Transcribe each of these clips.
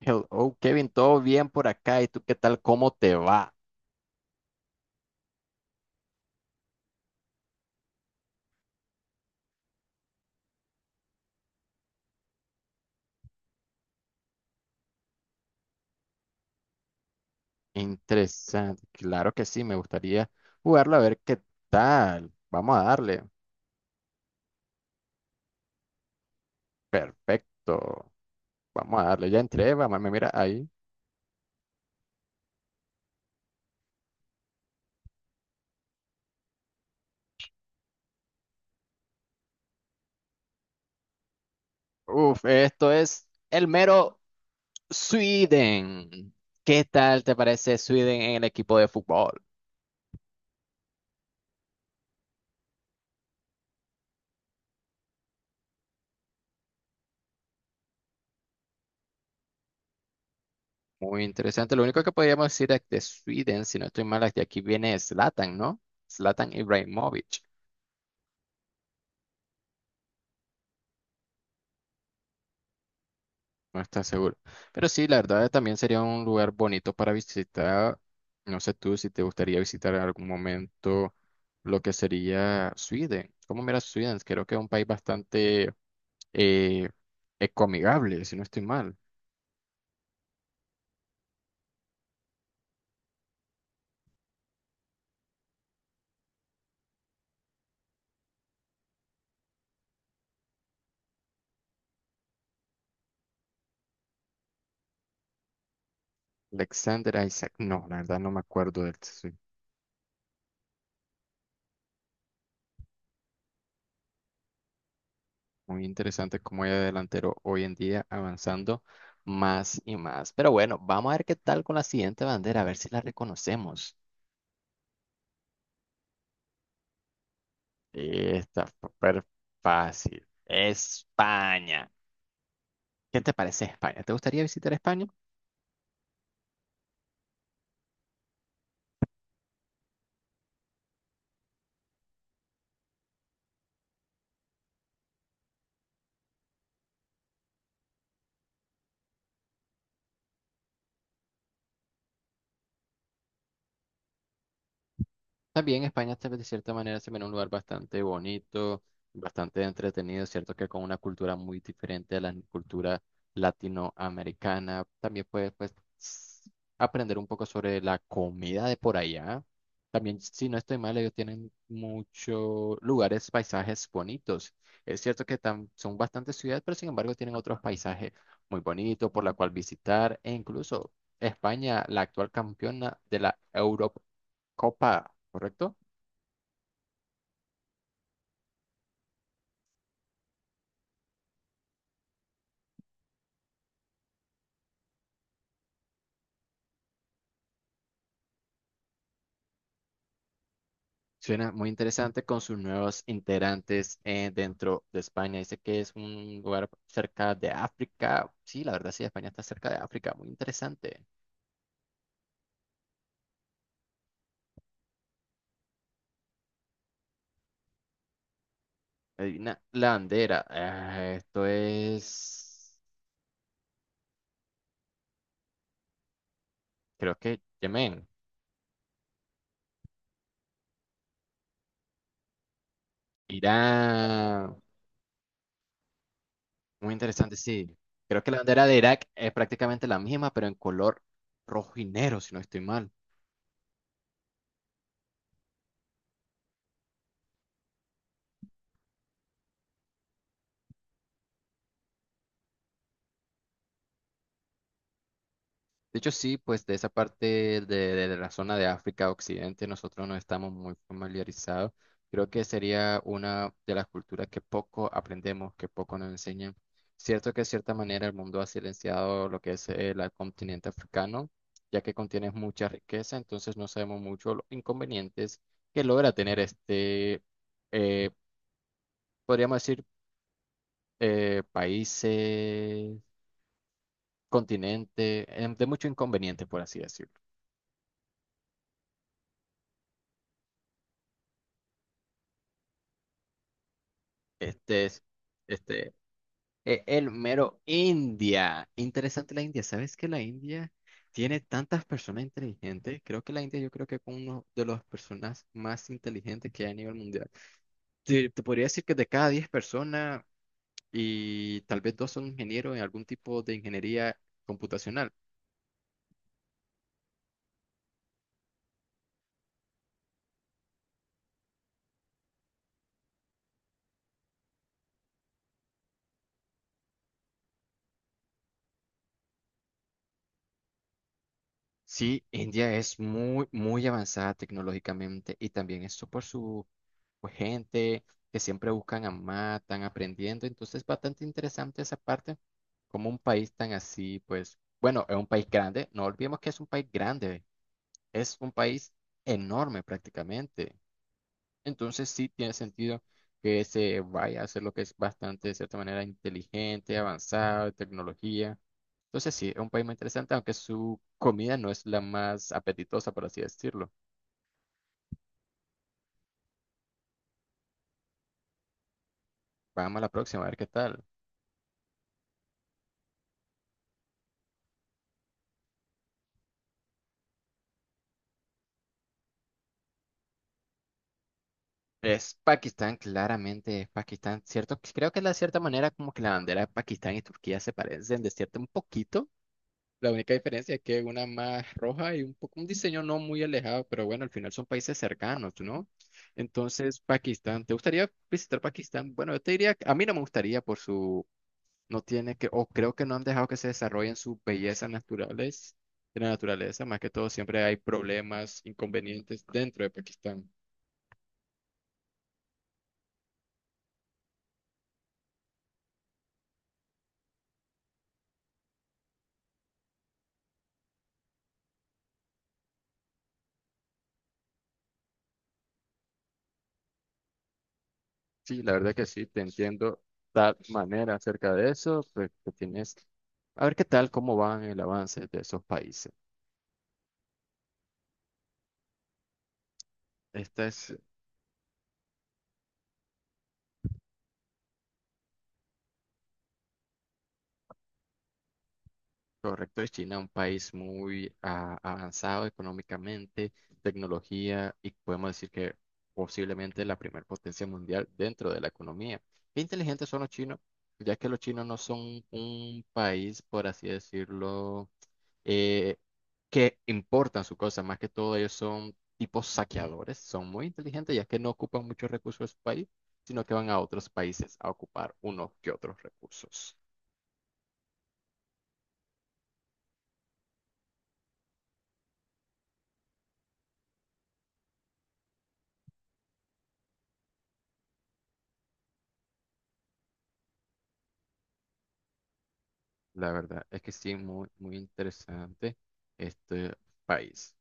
Hello, Kevin, ¿todo bien por acá? ¿Y tú qué tal? ¿Cómo te va? Interesante. Claro que sí, me gustaría jugarlo a ver qué tal. Vamos a darle. Perfecto. Vamos a darle. Ya entré, vamos, me mira ahí. Uf, esto es el mero Sweden. ¿Qué tal te parece Sweden en el equipo de fútbol? Muy interesante. Lo único que podríamos decir es de Sweden, si no estoy mal, es que aquí viene Zlatan, ¿no? Zlatan Ibrahimovic. No está seguro. Pero sí, la verdad también sería un lugar bonito para visitar. No sé tú si te gustaría visitar en algún momento lo que sería Sweden. ¿Cómo miras Sweden? Creo que es un país bastante eh, ecoamigable, si no estoy mal. Alexander Isaac. No, la verdad no me acuerdo de él. Sí. Muy interesante cómo es delantero hoy en día avanzando más y más. Pero bueno, vamos a ver qué tal con la siguiente bandera, a ver si la reconocemos. Sí, está súper fácil. España. ¿Qué te parece España? ¿Te gustaría visitar España? También España está de cierta manera se ve un lugar bastante bonito, bastante entretenido, cierto que con una cultura muy diferente a la cultura latinoamericana. También puedes pues, s- aprender un poco sobre la comida de por allá. También, si no estoy mal, ellos tienen muchos lugares, paisajes bonitos. Es cierto que son bastantes ciudades, pero sin embargo tienen otros paisajes muy bonitos por la cual visitar e incluso España, la actual campeona de la Europa. Copa, ¿correcto? Suena muy interesante con sus nuevos integrantes dentro de España. Dice que es un lugar cerca de África. Sí, la verdad sí, España está cerca de África. Muy interesante. Adivina la bandera. Ah, esto es, creo que Yemen, Irán. Muy interesante, sí. Creo que la bandera de Irak es prácticamente la misma, pero en color rojo y negro, si no estoy mal. De hecho, sí, pues de esa parte de la zona de África Occidente nosotros no estamos muy familiarizados. Creo que sería una de las culturas que poco aprendemos, que poco nos enseñan. Cierto que de cierta manera el mundo ha silenciado lo que es el continente africano, ya que contiene mucha riqueza, entonces no sabemos mucho los inconvenientes que logra tener este, eh, podríamos decir, países, continente, de mucho inconveniente, por así decirlo. Este es, este, el mero India. Interesante la India. ¿Sabes que la India tiene tantas personas inteligentes? Creo que la India yo creo que es uno de las personas más inteligentes que hay a nivel mundial. Te podría decir que de cada 10 personas y tal vez dos son ingenieros en algún tipo de ingeniería computacional. Sí, India es muy, muy avanzada tecnológicamente y también eso por su pues, gente que siempre buscan a más, están aprendiendo. Entonces, bastante interesante esa parte, como un país tan así, pues, bueno, es un país grande, no olvidemos que es un país grande, es un país enorme prácticamente. Entonces sí tiene sentido que se vaya a hacer lo que es bastante, de cierta manera, inteligente, avanzado, de tecnología. Entonces sí, es un país muy interesante, aunque su comida no es la más apetitosa, por así decirlo. Vamos a la próxima, a ver qué tal. Es Pakistán, claramente es Pakistán, ¿cierto? Creo que de cierta manera como que la bandera de Pakistán y Turquía se parecen de cierto un poquito. La única diferencia es que una más roja y un poco un diseño no muy alejado, pero bueno, al final son países cercanos, ¿no? Entonces, Pakistán, ¿te gustaría visitar Pakistán? Bueno, yo te diría, que a mí no me gustaría por su, no tiene que, o creo que no han dejado que se desarrollen sus bellezas naturales, de la naturaleza, más que todo siempre hay problemas, inconvenientes dentro de Pakistán. Sí, la verdad que sí, te entiendo tal manera acerca de eso, pues que tienes... A ver qué tal, cómo van el avance de esos países. Esta es. Correcto, es China un país muy avanzado económicamente, tecnología y podemos decir que posiblemente la primer potencia mundial dentro de la economía. Qué inteligentes son los chinos, ya que los chinos no son un país, por así decirlo, eh, que importan su cosa, más que todo ellos son tipos saqueadores, son muy inteligentes ya que no ocupan muchos recursos de su país, sino que van a otros países a ocupar unos que otros recursos. La verdad es que sí, muy, muy interesante este país.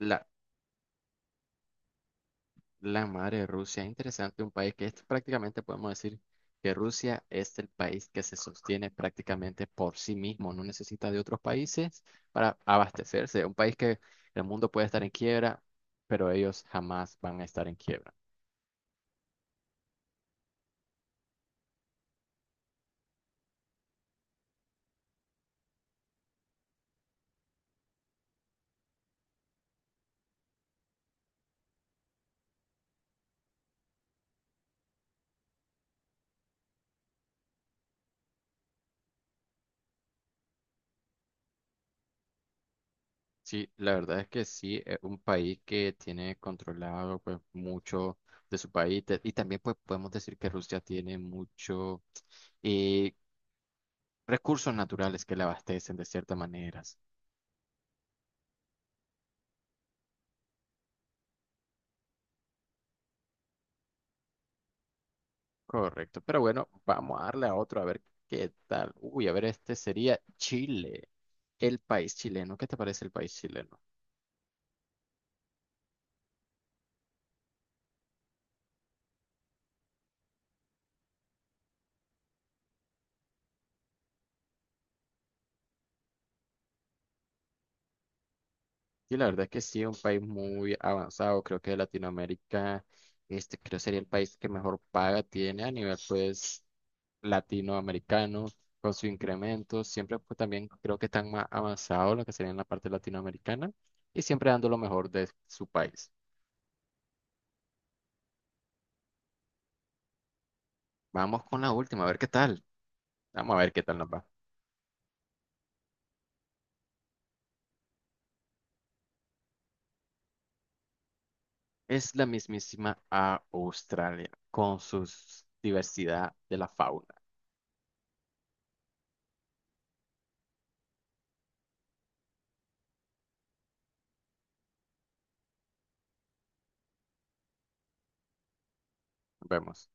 La, la madre de Rusia, es interesante un país que es prácticamente podemos decir que Rusia es el país que se sostiene prácticamente por sí mismo, no necesita de otros países para abastecerse. Un país que el mundo puede estar en quiebra, pero ellos jamás van a estar en quiebra. Sí, la verdad es que sí, es un país que tiene controlado pues mucho de su país y también pues podemos decir que Rusia tiene mucho eh, recursos naturales que le abastecen de ciertas maneras. Correcto, pero bueno, vamos a darle a otro a ver qué tal. Uy, a ver, este sería Chile, el país chileno. ¿Qué te parece el país chileno? Sí, la verdad es que sí, es un país muy avanzado, creo que de Latinoamérica, este creo sería el país que mejor paga tiene a nivel pues latinoamericanos con su incremento, siempre pues también creo que están más avanzados lo que sería en la parte latinoamericana y siempre dando lo mejor de su país. Vamos con la última, a ver qué tal. Vamos a ver qué tal nos va. Es la mismísima a Australia con su diversidad de la fauna. Nos vemos.